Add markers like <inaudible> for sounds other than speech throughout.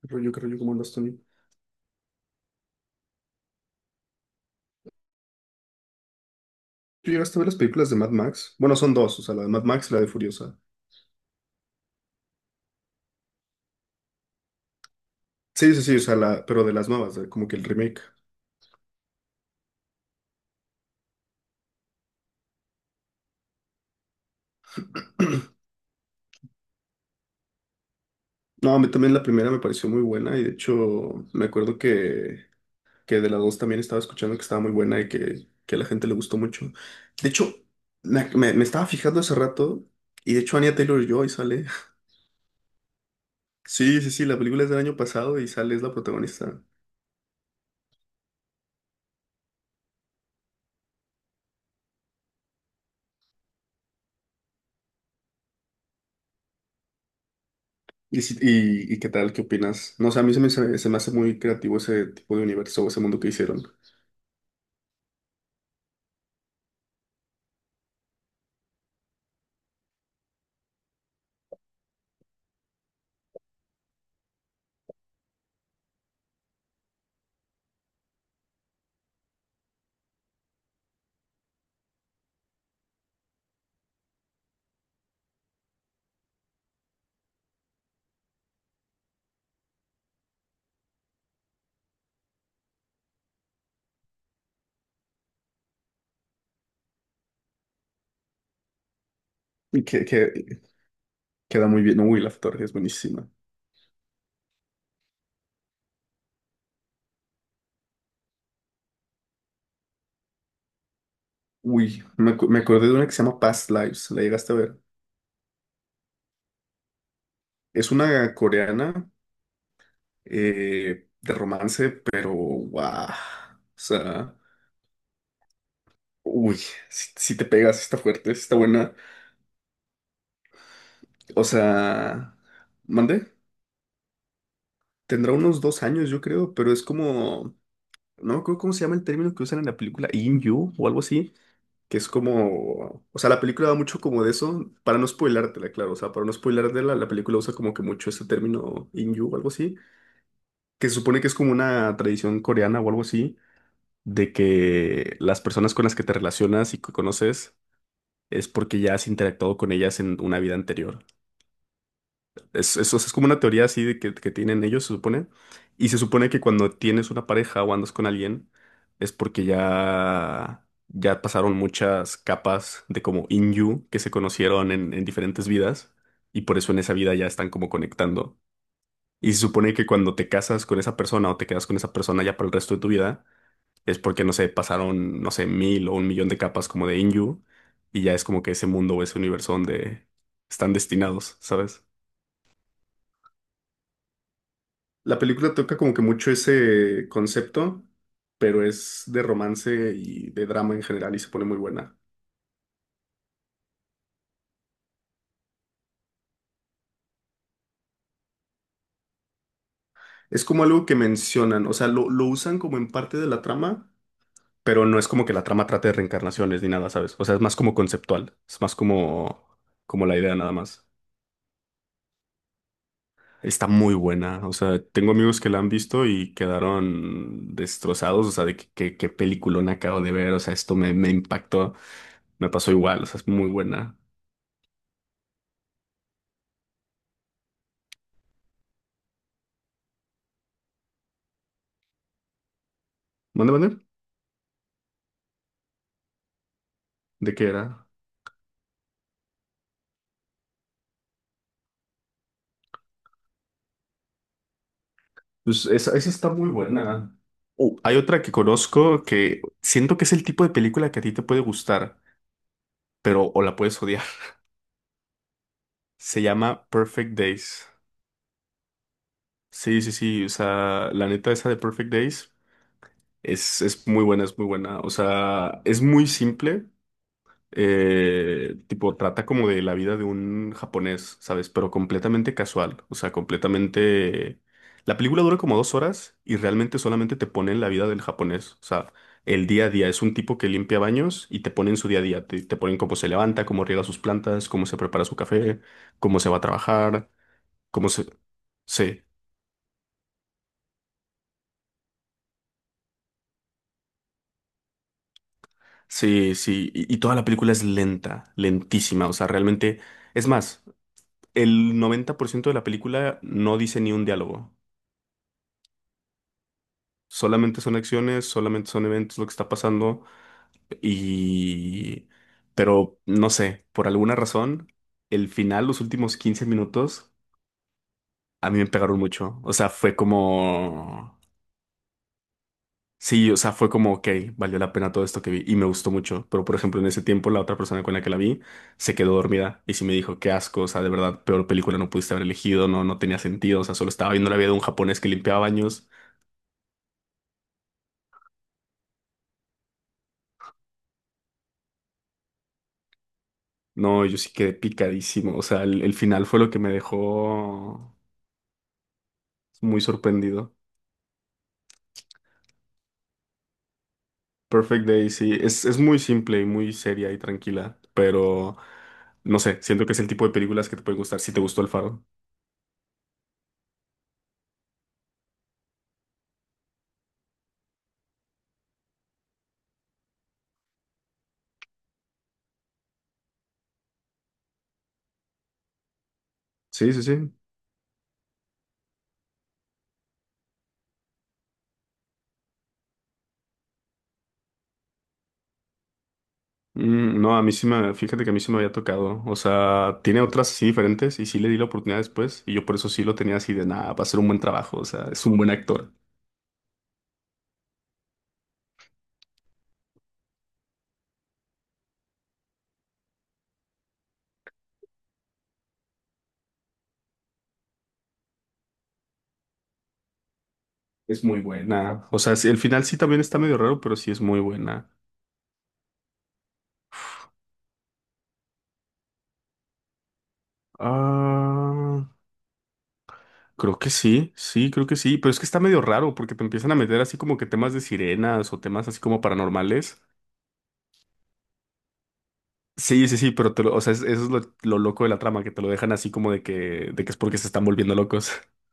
Qué rollo como andas, Tony. ¿Tú llegaste a ver las películas de Mad Max? Bueno, son dos, o sea, la de Mad Max y la de Furiosa. Sí, sí, sí, o sea, pero de las nuevas, como que el remake. <clears throat> No, a mí también la primera me pareció muy buena y de hecho me acuerdo que de las dos también estaba escuchando que estaba muy buena y que a la gente le gustó mucho. De hecho, me estaba fijando hace rato y de hecho Anya Taylor-Joy sale. <laughs> Sí, sí, sí, la película es del año pasado y sale, es la protagonista. ¿Y qué tal? ¿Qué opinas? No sé, a mí se me hace muy creativo ese tipo de universo, ese mundo que hicieron. Y que queda muy bien. Uy, la fotografía es buenísima. Uy, me acordé de una que se llama Past Lives. ¿La llegaste a ver? Es una coreana de romance, pero guau. O sea, uy, si te pegas, está fuerte, sí está buena. O sea, ¿mandé? Tendrá unos 2 años, yo creo, pero es como. No me acuerdo cómo se llama el término que usan en la película, In You o algo así que es como, o sea, la película da mucho como de eso, para no spoilártela, claro, o sea, para no spoilártela, la película usa como que mucho este término Inyu o algo así, que se supone que es como una tradición coreana o algo así, de que las personas con las que te relacionas y que conoces es porque ya has interactuado con ellas en una vida anterior. Es, o sea, es como una teoría así de que tienen ellos, se supone. Y se supone que cuando tienes una pareja o andas con alguien, es porque ya pasaron muchas capas de como in you que se conocieron en diferentes vidas. Y por eso en esa vida ya están como conectando. Y se supone que cuando te casas con esa persona o te quedas con esa persona ya para el resto de tu vida, es porque, no sé, pasaron, no sé, mil o un millón de capas como de in you. Y ya es como que ese mundo o ese universo donde están destinados, ¿sabes? La película toca como que mucho ese concepto, pero es de romance y de drama en general y se pone muy buena. Es como algo que mencionan, o sea, lo usan como en parte de la trama, pero no es como que la trama trate de reencarnaciones ni nada, ¿sabes? O sea, es más como conceptual, es más como la idea nada más. Está muy buena, o sea, tengo amigos que la han visto y quedaron destrozados, o sea, de qué peliculón acabo de ver, o sea, esto me impactó, me pasó igual, o sea, es muy buena. ¿Mande, mande? ¿De qué era? Pues esa está muy buena. Hay otra que conozco que siento que es el tipo de película que a ti te puede gustar, pero o la puedes odiar. <laughs> Se llama Perfect Days. Sí, sí, sí. O sea, la neta esa de Perfect Days es muy buena, es muy buena. O sea, es muy simple. Tipo, trata como de la vida de un japonés, ¿sabes? Pero completamente casual, o sea, completamente. La película dura como 2 horas y realmente solamente te ponen la vida del japonés, o sea, el día a día. Es un tipo que limpia baños y te ponen su día a día, te ponen cómo se levanta, cómo riega sus plantas, cómo se prepara su café, cómo se va a trabajar, cómo se. Sí, sí, sí, y toda la película es lenta, lentísima, o sea, realmente. Es más, el 90% de la película no dice ni un diálogo. Solamente son acciones, solamente son eventos lo que está pasando y. Pero no sé, por alguna razón, el final, los últimos 15 minutos, a mí me pegaron mucho. O sea, fue como. Sí, o sea, fue como, ok, valió la pena todo esto que vi y me gustó mucho. Pero, por ejemplo, en ese tiempo, la otra persona con la que la vi se quedó dormida y sí me dijo, qué asco, o sea, de verdad, peor película no pudiste haber elegido, no, no tenía sentido, o sea, solo estaba viendo la vida de un japonés que limpiaba baños. No, yo sí quedé picadísimo. O sea, el final fue lo que me dejó muy sorprendido. Perfect Day, sí. Es muy simple y muy seria y tranquila, pero no sé, siento que es el tipo de películas que te pueden gustar si te gustó El Faro. Sí, sí, sí. No, a mí sí me, fíjate que a mí sí me había tocado. O sea, tiene otras así diferentes y sí le di la oportunidad después y yo por eso sí lo tenía así de nada, va a ser un buen trabajo. O sea, es un buen actor. Es muy buena. O sea, sí, el final sí también está medio raro, pero sí es muy buena. Ah. Creo que sí, sí, creo que sí, pero es que está medio raro porque te empiezan a meter así como que temas de sirenas o temas así como paranormales. Sí, sí, sí, pero o sea, eso es lo loco de la trama, que te lo dejan así como de de que es porque se están volviendo locos. <laughs>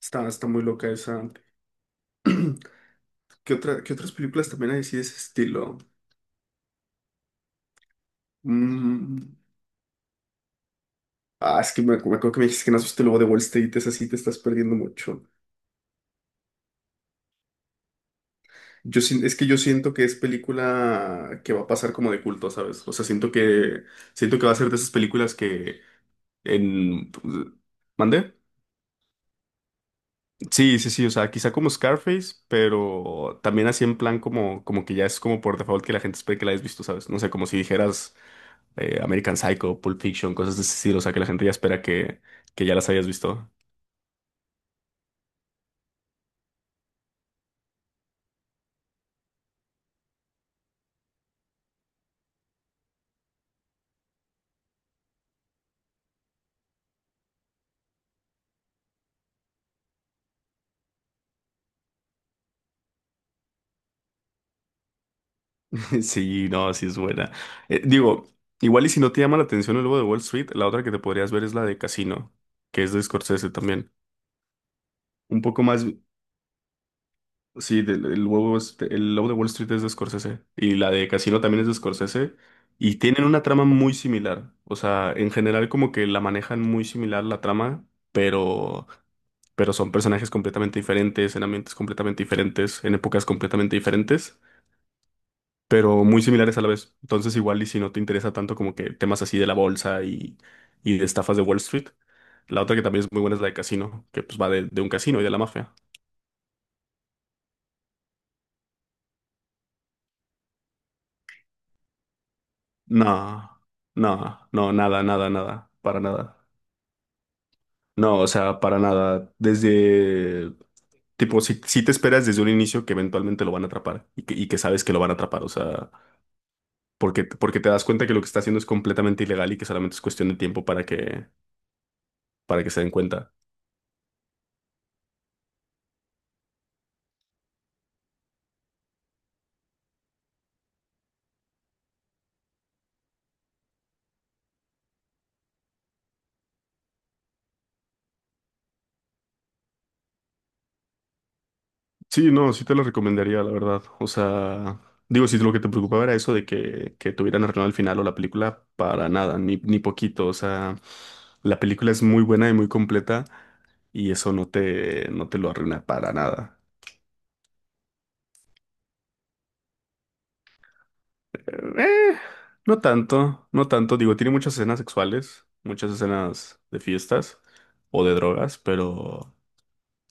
Está muy loca esa. <clears throat> ¿ Qué otras películas también hay así de ese estilo? Mm, Ah, es que me acuerdo que me dijiste que no viste luego de Wall Street, es así, te estás perdiendo mucho. Es que yo siento que es película que va a pasar como de culto, ¿sabes? O sea, siento que va a ser de esas películas que. En... ¿Mandé? Sí, sí, sí, o sea, quizá como Scarface, pero también así en plan como, como que ya es como por default que la gente espera que la hayas visto, ¿sabes? No sé, como si dijeras American Psycho, Pulp Fiction, cosas de ese estilo, o sea, que la gente ya espera que ya las hayas visto. <laughs> Sí, no, sí es buena. Digo, igual y si no te llama la atención el lobo de Wall Street, la otra que te podrías ver es la de Casino, que es de Scorsese también. Un poco más. Sí, el Lobo de Wall Street es de Scorsese y la de Casino también es de Scorsese y tienen una trama muy similar. O sea, en general como que la manejan muy similar la trama, pero son personajes completamente diferentes, en ambientes completamente diferentes, en épocas completamente diferentes, pero muy similares a la vez. Entonces igual y si no te interesa tanto como que temas así de la bolsa y de estafas de Wall Street, la otra que también es muy buena es la de Casino, que pues va de un casino y de la mafia. No, no, no, nada, nada, nada, para nada. No, o sea, para nada. Desde, tipo, si te esperas desde un inicio que eventualmente lo van a atrapar y que sabes que lo van a atrapar, o sea, porque te das cuenta que lo que está haciendo es completamente ilegal y que solamente es cuestión de tiempo para para que se den cuenta. Sí, no, sí te lo recomendaría, la verdad. O sea, digo, si lo que te preocupaba era eso de que tuvieran arruinado el final o la película, para nada, ni poquito. O sea, la película es muy buena y muy completa. Y eso no te lo arruina para nada. Eh, no tanto, no tanto. Digo, tiene muchas escenas sexuales, muchas escenas de fiestas o de drogas,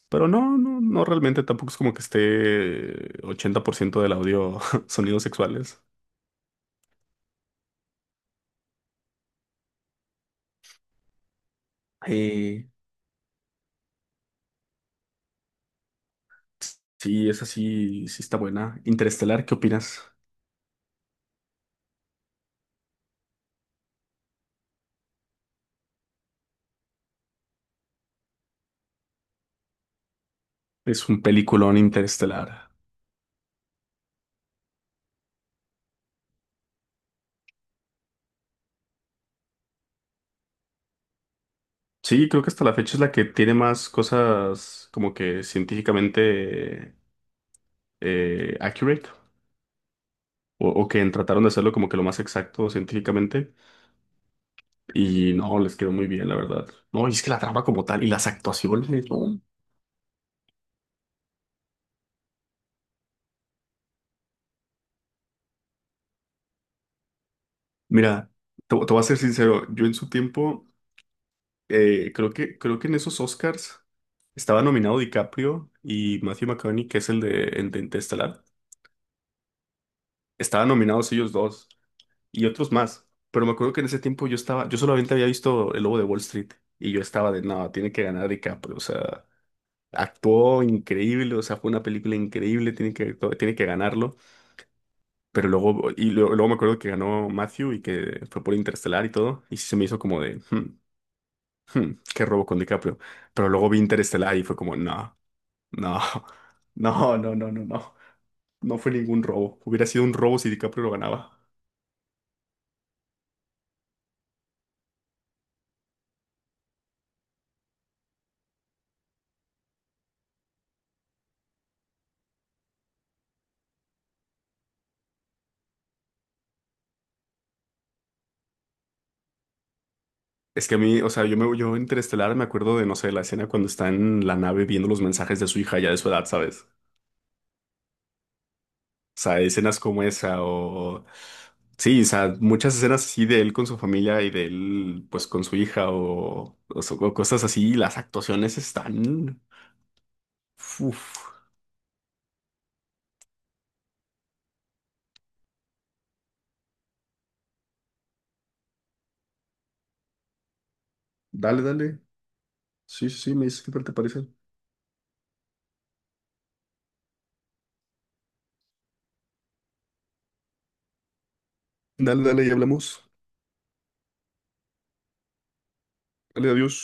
pero no, realmente tampoco es como que esté 80% del audio <laughs> sonidos sexuales. Eh, sí, esa sí, sí está buena. Interestelar, ¿qué opinas? Es un peliculón Interestelar. Sí, creo que hasta la fecha es la que tiene más cosas como que científicamente accurate o que trataron de hacerlo como que lo más exacto científicamente y no, les quedó muy bien, la verdad. No, y es que la trama como tal y las actuaciones, no. Mira, te voy a ser sincero, yo en su tiempo creo que en esos Oscars estaba nominado DiCaprio y Matthew McConaughey, que es el de Interestelar. Estaban nominados ellos dos y otros más. Pero me acuerdo que en ese tiempo yo solamente había visto El Lobo de Wall Street y yo estaba de, no, tiene que ganar DiCaprio, o sea, actuó increíble, o sea, fue una película increíble, tiene que ganarlo. Pero luego, y luego luego, me acuerdo que ganó Matthew y que fue por Interestelar y todo. Y sí se me hizo como de, "Hmm, hmm, qué robo con DiCaprio." Pero luego vi Interestelar y fue como, no, no, <laughs> no, no, no, no, no. No fue ningún robo. Hubiera sido un robo si DiCaprio lo ganaba. Es que a mí, o sea, yo Interestelar me acuerdo de, no sé, la escena cuando está en la nave viendo los mensajes de su hija ya de su edad, ¿sabes? O sea, escenas como esa o. Sí, o sea, muchas escenas así de él con su familia y de él pues con su hija o cosas así. Y las actuaciones están. Uf. Dale, dale. Sí, sí, sí, me dices qué tal te parece. Dale, dale, y hablamos. Dale, adiós.